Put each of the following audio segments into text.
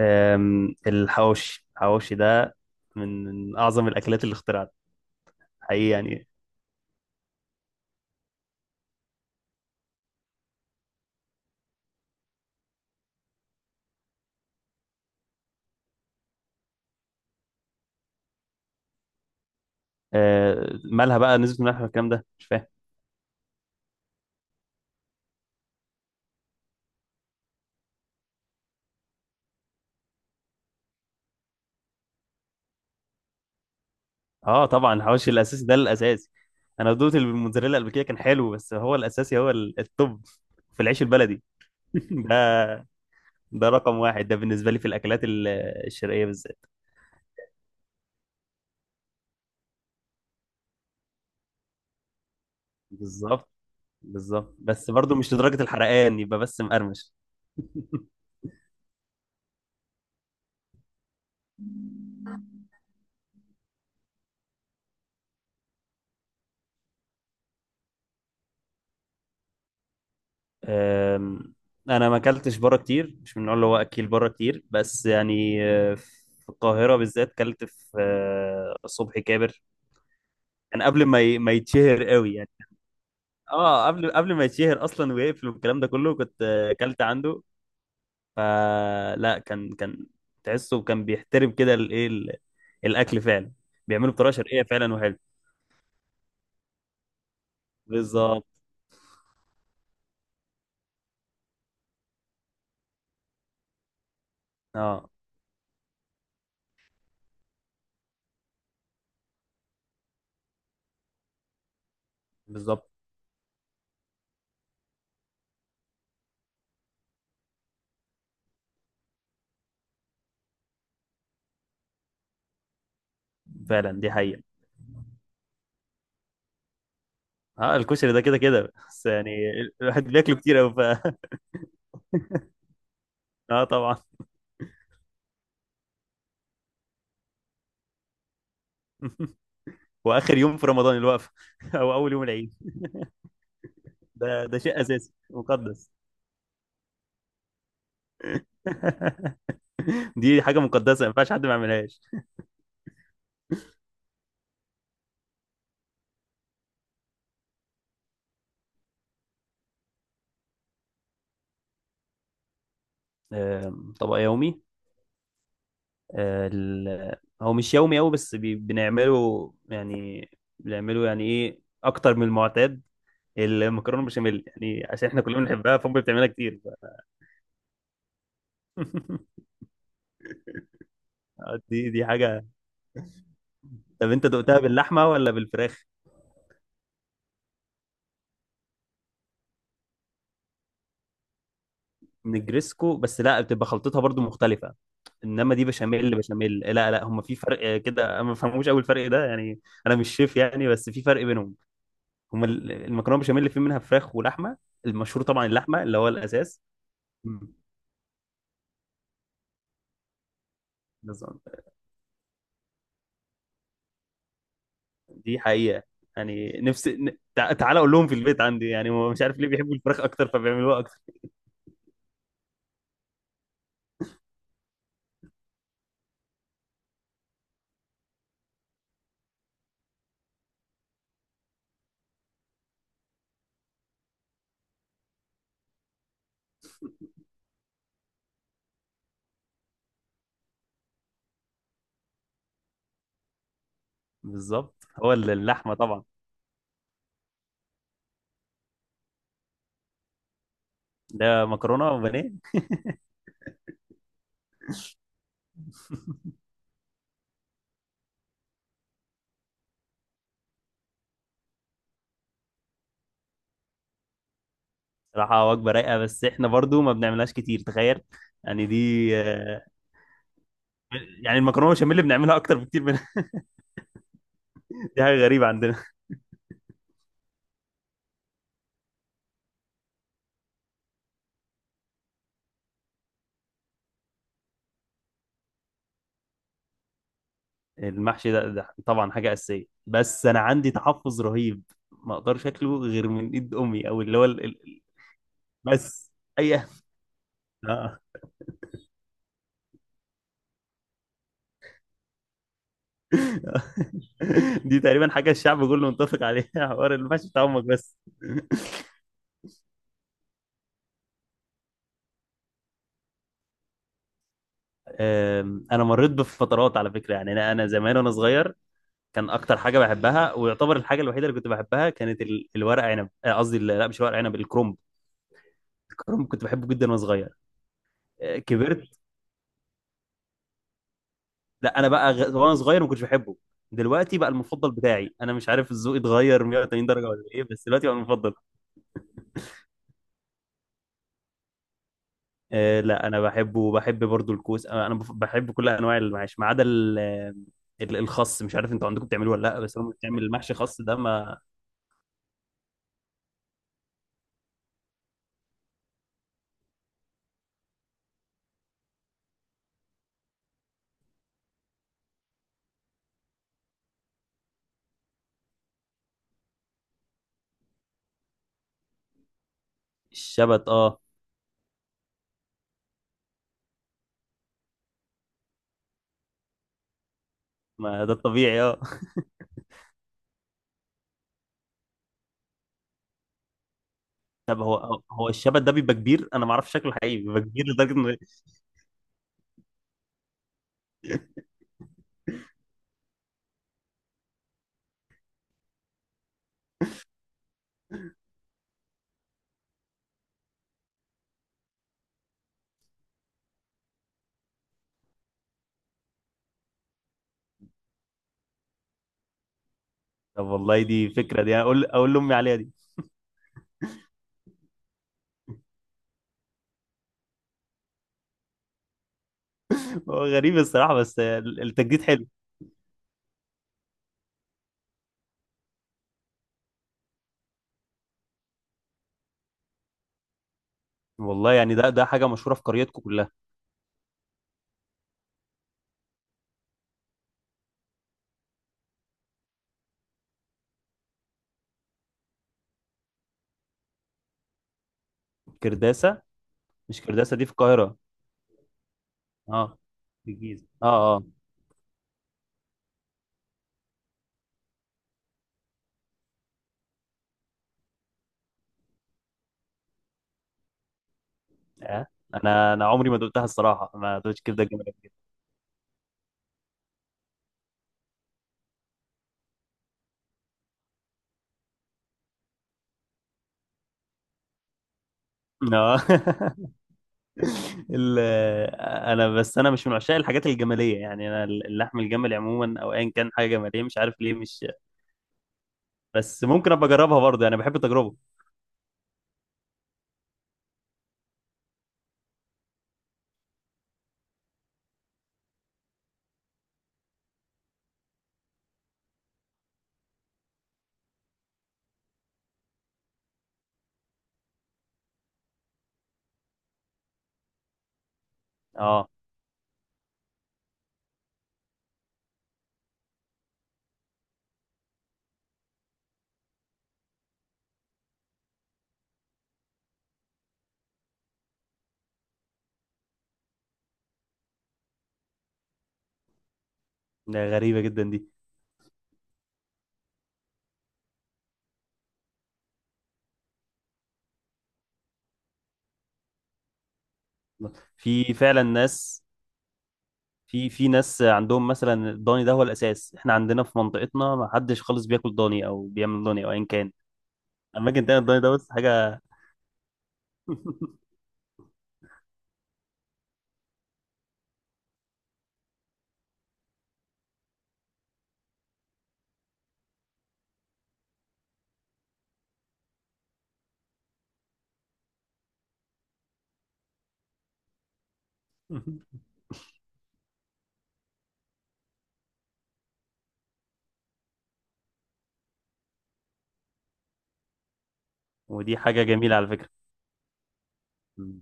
الحواوشي الحواوشي ده من اعظم الاكلات اللي اخترعت حقيقي يعني. مالها بقى نسبة الملح والكلام ده مش فاهم. اه طبعا الحواوشي الاساسي ده الاساسي. انا دوت الموتزاريلا قبل كده كان حلو، بس هو الاساسي هو التوب في العيش البلدي ده ده رقم واحد ده بالنسبة لي في الاكلات الشرقية بالذات. بالظبط بالظبط بس برضو مش لدرجة الحرقان، يبقى بس مقرمش. أم، انا ما اكلتش بره كتير، مش من النوع اللي هو اكيل بره كتير، بس يعني في القاهره بالذات اكلت في صبحي كابر. كان قبل ما ما يتشهر قوي يعني. اه قبل ما يتشهر اصلا ويقفل والكلام ده كله، كنت اكلت عنده. فلا كان تحسه كان بيحترم كده الاكل فعلا، بيعمله بطريقه شرقيه فعلا وحلو. بالظبط. اه بالظبط فعلا، دي حقيقه. اه الكشري ده كده كده بس يعني الواحد بياكله كتير قوي، ف اه طبعا. واخر يوم في رمضان الوقفه، او اول يوم العيد. ده شيء اساسي مقدس. دي حاجه مقدسه ما ينفعش حد ما يعملهاش. طبق يومي. آه، ال- هو مش يومي قوي بس بنعمله يعني، بنعمله يعني ايه اكتر من المعتاد. المكرونه بشاميل، يعني عشان احنا كلنا بنحبها فامي بتعملها كتير. دي حاجه. طب انت دقتها باللحمه ولا بالفراخ؟ نجرسكو، بس لا، بتبقى خلطتها برضو مختلفه. انما دي بشاميل بشاميل، لا لا، هم في فرق كده. أنا ما بفهموش قوي الفرق ده يعني، انا مش شيف يعني، بس في فرق بينهم. هم المكرونه بشاميل اللي في منها فراخ ولحمه، المشهور طبعا اللحمه اللي هو الاساس. مم. بالظبط. دي حقيقه. يعني نفس تعالى اقول لهم في البيت عندي يعني، هم مش عارف ليه بيحبوا الفراخ اكتر فبيعملوها اكتر. بالظبط. هو اللحمه طبعا. ده مكرونه وبانيه. صراحه وجبه رايقه، بس احنا برضو ما بنعملهاش كتير، تخيل. يعني دي يعني المكرونه بشاميل بنعملها اكتر بكتير من دي حاجه غريبه عندنا. المحشي ده طبعا حاجة أساسية، بس أنا عندي تحفظ رهيب. ما أقدرش أكله غير من إيد أمي، أو اللي هو بس أي آه. دي تقريبا حاجة الشعب كله متفق عليها، حوار المحشي بتاع أمك بس. أنا مريت بفترات على فكرة، يعني أنا زمان وأنا صغير كان أكتر حاجة بحبها، ويعتبر الحاجة الوحيدة اللي كنت بحبها، كانت الورق عنب، قصدي لا مش ورق عنب، الكرنب. الكرنب كنت بحبه جدا وأنا صغير. كبرت. لا بقى وانا صغير ما كنتش بحبه، دلوقتي بقى المفضل بتاعي. انا مش عارف الذوق اتغير 180 درجه ولا ايه، بس دلوقتي بقى المفضل. آه لا انا بحبه، وبحب برضو الكوس. انا بحب كل انواع المعاش، ما عدا الخس. مش عارف انتوا عندكم بتعملوه ولا لا، بس لما بتعمل المحشي خس ده ما. الشبت، اه. ما ده الطبيعي، اه. طب هو هو الشبت ده بيبقى كبير، انا ما اعرفش شكله حقيقي، بيبقى كبير لدرجه إن. طب والله دي فكره، دي اقول لامي عليها دي. هو غريب الصراحه، بس التجديد حلو. والله يعني ده ده حاجه مشهوره في قريتكم كلها. كرداسة. مش كرداسة دي في القاهرة؟ اه في الجيزة، اه اه. آه. انا عمري ما دقتها الصراحة، ما دقتش كبدة جمالية كده. اه. ال- بس انا مش من عشاق الحاجات الجمالية، يعني انا اللحم الجملي عموما او ايا كان حاجة جمالية، مش عارف ليه مش. بس ممكن ابقى اجربها برضه يعني، بحب التجربة. اه، ده غريبة جدا دي. في فعلا ناس، في في ناس عندهم مثلا الضاني ده هو الاساس. احنا عندنا في منطقتنا ما حدش خالص بياكل ضاني او بيعمل ضاني او ايا كان. اماكن تانية الضاني ده بص حاجة. ودي حاجة جميلة على فكرة. مم.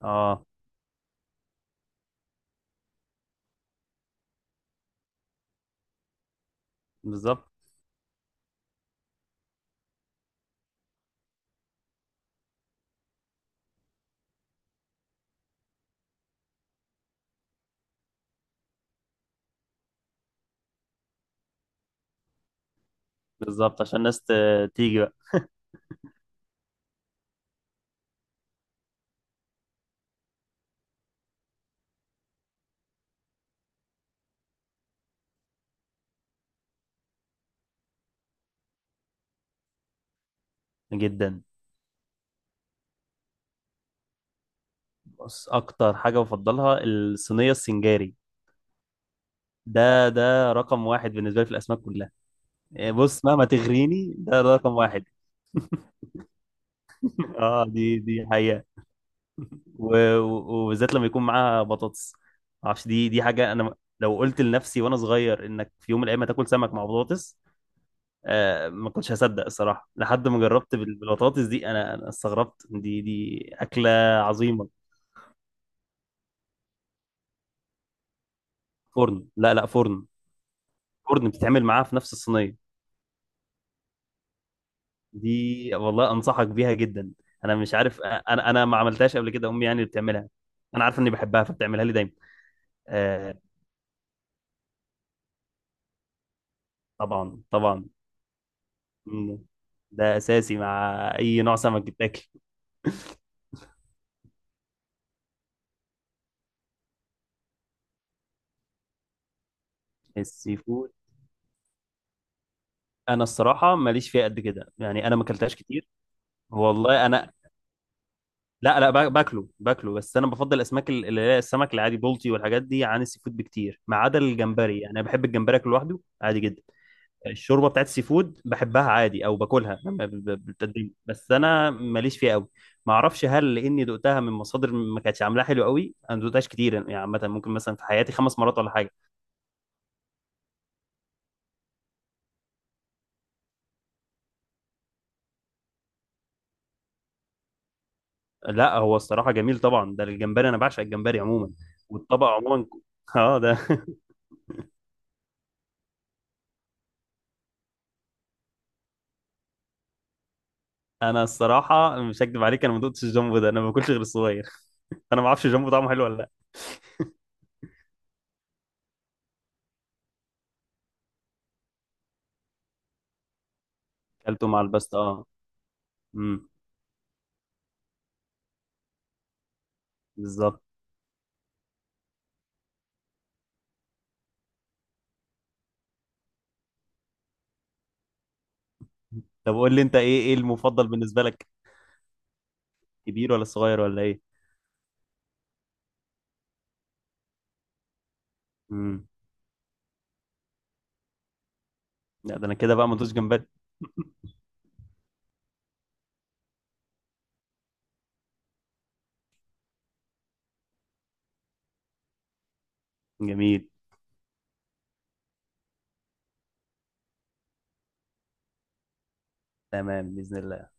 اه. بالظبط. بالظبط عشان الناس تيجي بقى. جدا. بص اكتر حاجة بفضلها الصينية السنجاري. ده رقم واحد بالنسبة لي في الاسماك كلها. إيه، بص مهما تغريني ده رقم واحد. اه دي حقيقة، وبالذات لما يكون معاها بطاطس. معرفش دي حاجة، انا لو قلت لنفسي وانا صغير انك في يوم من الايام هتاكل سمك مع بطاطس، ما كنتش هصدق الصراحه، لحد ما جربت بالبطاطس دي. انا استغربت، دي اكله عظيمه. فرن، لا لا، فرن، فرن بتتعمل معاها في نفس الصينيه. دي والله انصحك بيها جدا. انا مش عارف، انا انا ما عملتهاش قبل كده، امي يعني اللي بتعملها. انا عارف اني بحبها فبتعملها لي دايما. آه، طبعا طبعا. مم. ده اساسي مع اي نوع سمك بتاكل. السي فود. انا الصراحه ماليش فيها قد كده، يعني انا ما اكلتهاش كتير. والله انا لا لا باكله بس انا بفضل الاسماك اللي هي السمك العادي، بولتي والحاجات دي، عن السي فود بكتير. ما عدا الجمبري، يعني انا بحب الجمبري اكله لوحده عادي جدا. الشوربه بتاعت السي فود بحبها عادي، او باكلها لما بتتقدم، بس انا ماليش فيها قوي. ما اعرفش هل لاني دقتها من مصادر ما كانتش عاملاها حلو قوي. انا ما دقتهاش كتير يعني عامه ممكن مثلا في حياتي خمس مرات ولا حاجه. لا هو الصراحه جميل طبعا، ده الجمبري انا بعشق الجمبري عموما، والطبق عموما. اه ده. انا الصراحه مش هكدب عليك، انا ما دقتش الجامبو ده، انا ما باكلش غير الصغير. انا ما اعرفش جامبو طعمه حلو ولا لا. اكلته مع الباستا، اه. امم. بالظبط. طب قول لي انت ايه ايه المفضل بالنسبه لك، كبير ولا صغير ولا ايه؟ امم. لا ده انا كده بقى ما دوش جمبري. جميل. تمام باذن الله.